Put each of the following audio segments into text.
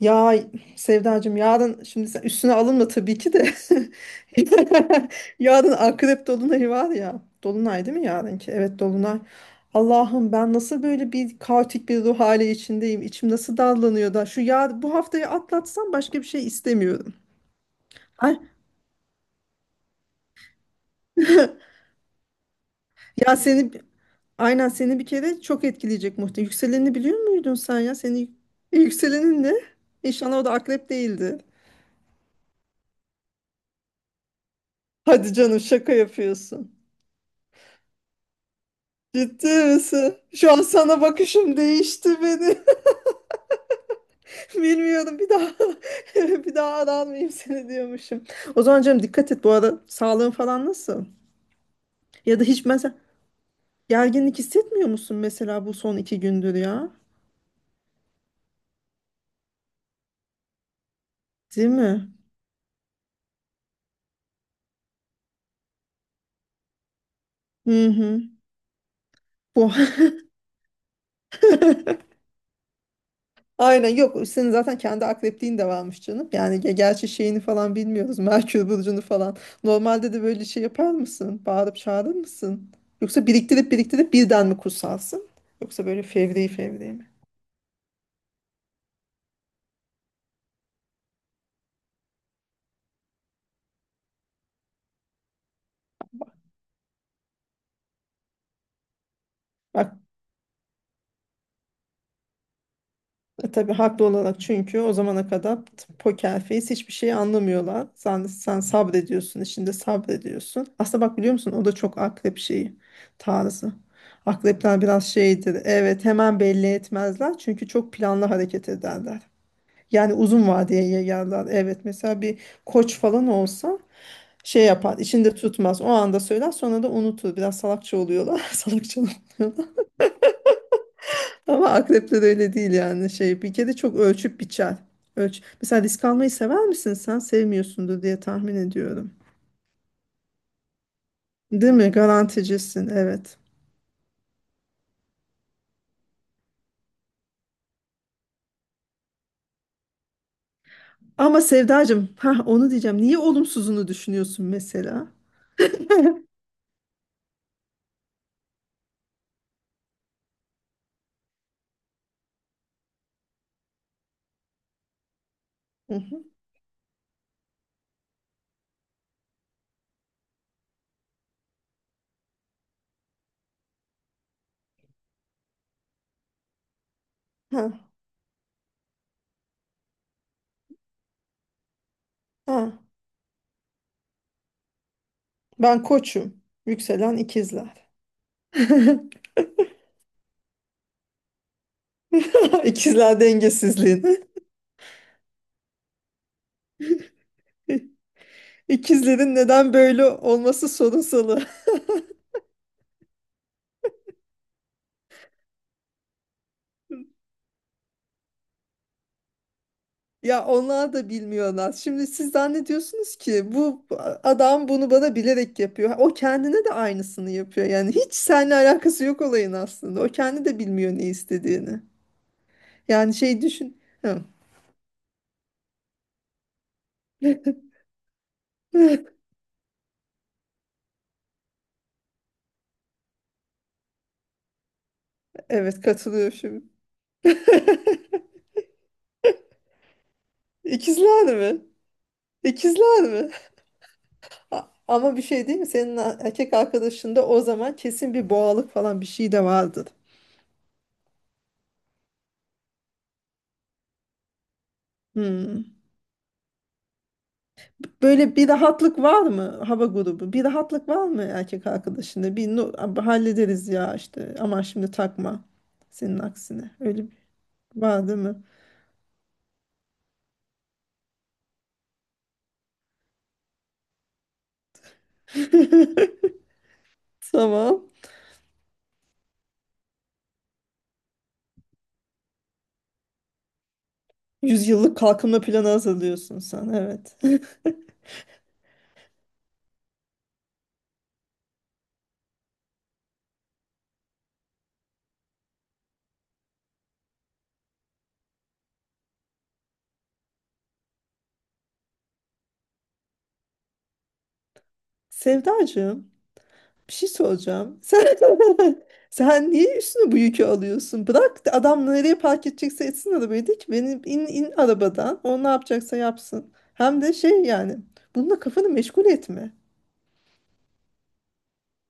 Ya Sevdacığım yarın şimdi sen üstüne alınma tabii ki de. Yarın akrep dolunayı var ya. Dolunay değil mi yarınki? Evet dolunay. Allah'ım ben nasıl böyle bir kaotik bir ruh hali içindeyim. İçim nasıl dallanıyor da. Şu ya bu haftayı atlatsam başka bir şey istemiyorum. Ay, Ya aynen seni bir kere çok etkileyecek muhtemelen. Yükselenini biliyor muydun sen ya? Yükselenin ne? İnşallah o da akrep değildi. Hadi canım şaka yapıyorsun. Ciddi misin? Şu an sana bakışım değişti beni. Bilmiyorum bir daha bir daha aranmayayım seni diyormuşum. O zaman canım dikkat et bu arada sağlığın falan nasıl? Ya da hiç mesela gerginlik hissetmiyor musun mesela bu son 2 gündür ya? Değil mi? Hı hı. Bu. Aynen yok senin zaten kendi akrepliğin de varmış canım. Yani gerçi şeyini falan bilmiyoruz. Merkür burcunu falan. Normalde de böyle şey yapar mısın? Bağırıp çağırır mısın? Yoksa biriktirip biriktirip birden mi kutsarsın? Yoksa böyle fevri fevri mi? Bak, tabii haklı olarak çünkü o zamana kadar poker face hiçbir şey anlamıyorlar. Sen sabrediyorsun, içinde sabrediyorsun. Aslında bak biliyor musun o da çok akrep şeyi tarzı. Akrepler biraz şeydir. Evet hemen belli etmezler çünkü çok planlı hareket ederler. Yani uzun vadeye yayarlar. Evet mesela bir koç falan olsa şey yapar, içinde tutmaz. O anda söyler sonra da unutur. Biraz salakça oluyorlar. Salakça ama akrepler öyle değil yani şey bir kere çok ölçüp biçer. Ölç. Mesela risk almayı sever misin sen? Sevmiyorsundur diye tahmin ediyorum. Değil mi? Garanticisin evet. Ama Sevdacığım, ha onu diyeceğim. Niye olumsuzunu düşünüyorsun mesela? Hı hı. Ha, ha. Ben koçum. Yükselen ikizler. İkizler dengesizliğini. İkizlerin neden böyle olması sorunsalı. Ya onlar da bilmiyorlar. Şimdi siz zannediyorsunuz ki bu adam bunu bana bilerek yapıyor. O kendine de aynısını yapıyor. Yani hiç seninle alakası yok olayın aslında. O kendi de bilmiyor ne istediğini. Yani şey düşün. Hı. Evet katılıyorum şimdi. İkizler mi? İkizler mi? Ama bir şey değil mi? Senin erkek arkadaşında o zaman kesin bir boğalık falan bir şey de vardır. Hmm. Böyle bir rahatlık var mı hava grubu? Bir rahatlık var mı erkek arkadaşında? Bir abi hallederiz ya işte. Ama şimdi takma. Senin aksine. Öyle bir var değil mi? Tamam. Yüzyıllık kalkınma planı hazırlıyorsun sen. Evet. Sevdacığım, bir şey soracağım. Sen sen niye üstüne bu yükü alıyorsun? Bırak da adam nereye park edecekse etsin arabayı de ki benim in arabadan. O ne yapacaksa yapsın. Hem de şey yani bununla kafanı meşgul etme.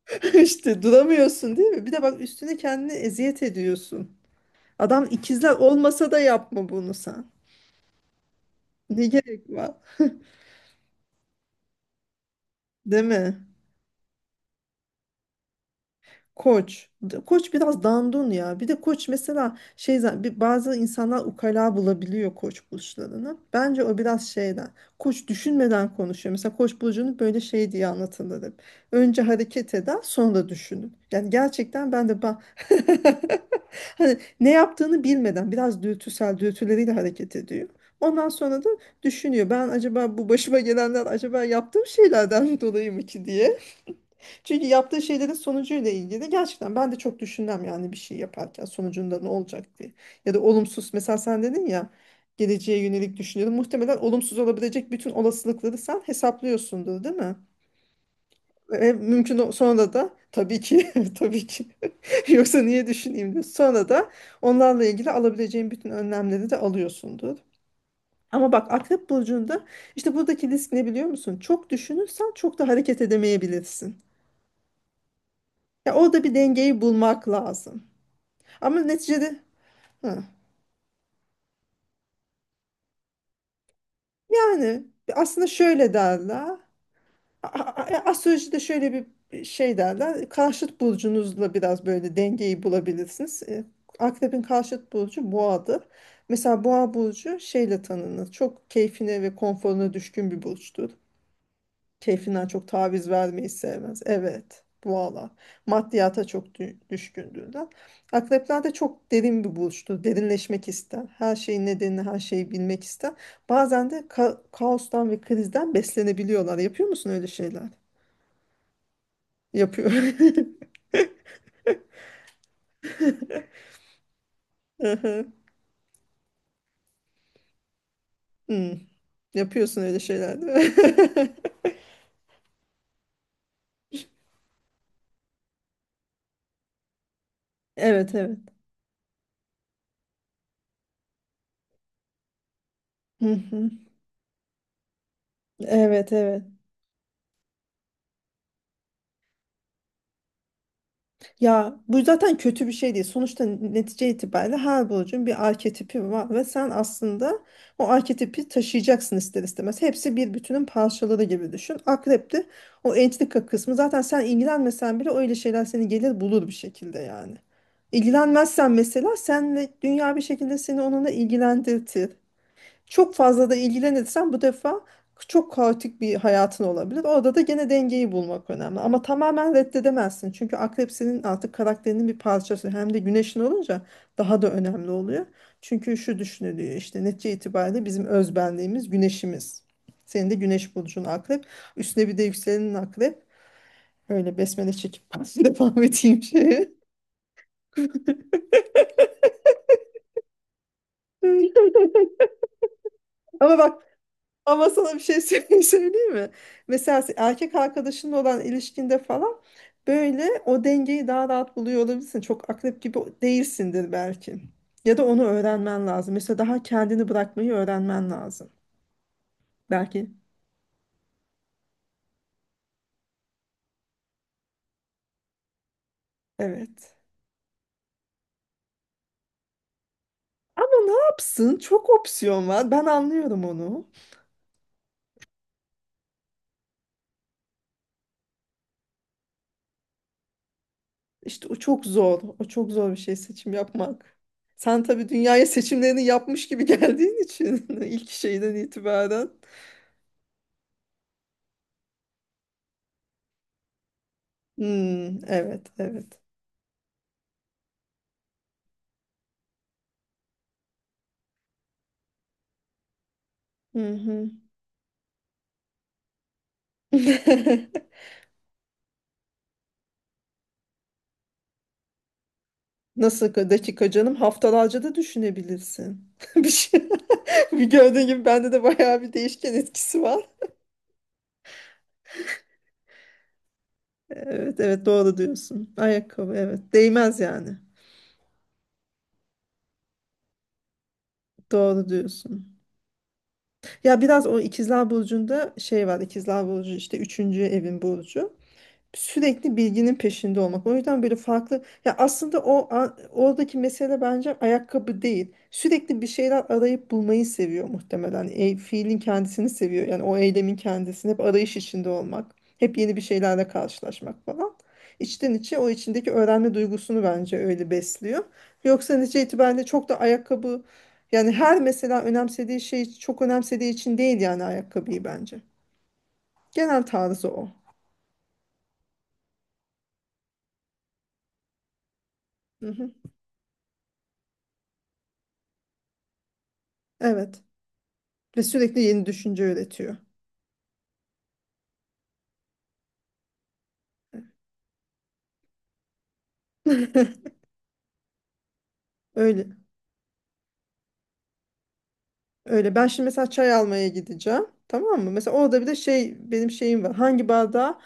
İşte duramıyorsun değil mi? Bir de bak üstüne kendini eziyet ediyorsun. Adam ikizler olmasa da yapma bunu sen. Ne gerek var? Değil mi? Koç. Koç biraz dandun ya. Bir de koç mesela şey bazı insanlar ukala bulabiliyor koç burçlarını. Bence o biraz şeyden. Koç düşünmeden konuşuyor. Mesela koç burcunu böyle şey diye anlatılır hep. Önce hareket eder, sonra düşünün. Yani gerçekten ben de hani ne yaptığını bilmeden biraz dürtüsel dürtüleriyle hareket ediyor. Ondan sonra da düşünüyor. Ben acaba bu başıma gelenler acaba yaptığım şeylerden dolayı mı ki diye. Çünkü yaptığı şeylerin sonucuyla ilgili gerçekten ben de çok düşünmem yani bir şey yaparken sonucunda ne olacak diye. Ya da olumsuz mesela sen dedin ya geleceğe yönelik düşünüyorum. Muhtemelen olumsuz olabilecek bütün olasılıkları sen hesaplıyorsundur değil mi? Ve mümkün sonra da tabii ki tabii ki yoksa niye düşüneyim diyor. Sonra da onlarla ilgili alabileceğin bütün önlemleri de alıyorsundur. Ama bak, Akrep Burcu'nda işte buradaki risk ne biliyor musun? Çok düşünürsen çok da hareket edemeyebilirsin. Ya orada bir dengeyi bulmak lazım. Ama neticede hı. Yani aslında şöyle derler. Astrolojide şöyle bir şey derler. Karşıt burcunuzla biraz böyle dengeyi bulabilirsiniz. Akrep'in karşıt burcu boğadır. Mesela boğa burcu şeyle tanınır. Çok keyfine ve konforuna düşkün bir burçtur. Keyfinden çok taviz vermeyi sevmez. Evet. Valla. Maddiyata çok düşkündüğünden. Akrepler de çok derin bir burçtur. Derinleşmek ister. Her şeyin nedenini, her şeyi bilmek ister. Bazen de kaostan ve krizden beslenebiliyorlar. Yapıyor musun öyle şeyler? Yapıyor. Hı. Hmm. Yapıyorsun öyle şeyler değil mi? Evet, evet. Hı hı. Evet, evet. Ya bu zaten kötü bir şey değil. Sonuçta netice itibariyle her burcun bir arketipi var ve sen aslında o arketipi taşıyacaksın ister istemez. Hepsi bir bütünün parçaları gibi düşün. Akrep'te o entrika kısmı zaten sen ilgilenmesen bile öyle şeyler seni gelir bulur bir şekilde yani. İlgilenmezsen mesela senle dünya bir şekilde seni onunla ilgilendirtir. Çok fazla da ilgilenirsen bu defa çok kaotik bir hayatın olabilir. Orada da gene dengeyi bulmak önemli. Ama tamamen reddedemezsin. Çünkü akrep senin artık karakterinin bir parçası. Hem de güneşin olunca daha da önemli oluyor. Çünkü şu düşünülüyor işte netice itibariyle bizim özbenliğimiz güneşimiz. Senin de güneş burcun akrep. Üstüne bir de yükselenin akrep. Öyle besmele çekip devam edeyim şeye. Ama bak Ama sana bir şey söyleyeyim mi? Mesela erkek arkadaşınla olan ilişkinde falan böyle o dengeyi daha rahat buluyor olabilirsin. Çok akrep gibi değilsindir belki. Ya da onu öğrenmen lazım. Mesela daha kendini bırakmayı öğrenmen lazım. Belki evet. Ama ne yapsın? Çok opsiyon var. Ben anlıyorum onu. İşte o çok zor. O çok zor bir şey seçim yapmak. Sen tabii dünyaya seçimlerini yapmış gibi geldiğin için ilk şeyden itibaren. Hmm, evet, evet. Hı hı. Nasıl dakika canım? Haftalarca da düşünebilirsin. Bir şey. Bir gördüğün gibi bende de bayağı bir değişken etkisi var. Evet, evet, doğru diyorsun. Ayakkabı evet. Değmez yani. Doğru diyorsun. Ya biraz o ikizler burcunda şey var. İkizler burcu işte üçüncü evin burcu. Sürekli bilginin peşinde olmak. O yüzden böyle farklı ya aslında o oradaki mesele bence ayakkabı değil. Sürekli bir şeyler arayıp bulmayı seviyor muhtemelen. Fiilin kendisini seviyor. Yani o eylemin kendisini hep arayış içinde olmak, hep yeni bir şeylerle karşılaşmak falan. İçten içe o içindeki öğrenme duygusunu bence öyle besliyor. Yoksa netice itibariyle çok da ayakkabı yani her mesela önemsediği şey çok önemsediği için değil yani ayakkabıyı bence. Genel tarzı o. Hı hı. Evet. Ve sürekli yeni düşünce üretiyor. Öyle. Öyle. Ben şimdi mesela çay almaya gideceğim. Tamam mı? Mesela orada bir de şey benim şeyim var. Hangi bardağı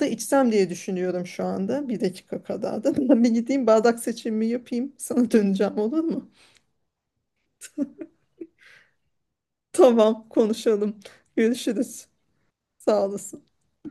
da içsem diye düşünüyorum şu anda. Bir dakika kadar da. Ben bir gideyim bardak seçimimi yapayım. Sana döneceğim olur mu? Tamam, konuşalım. Görüşürüz. Sağ olasın.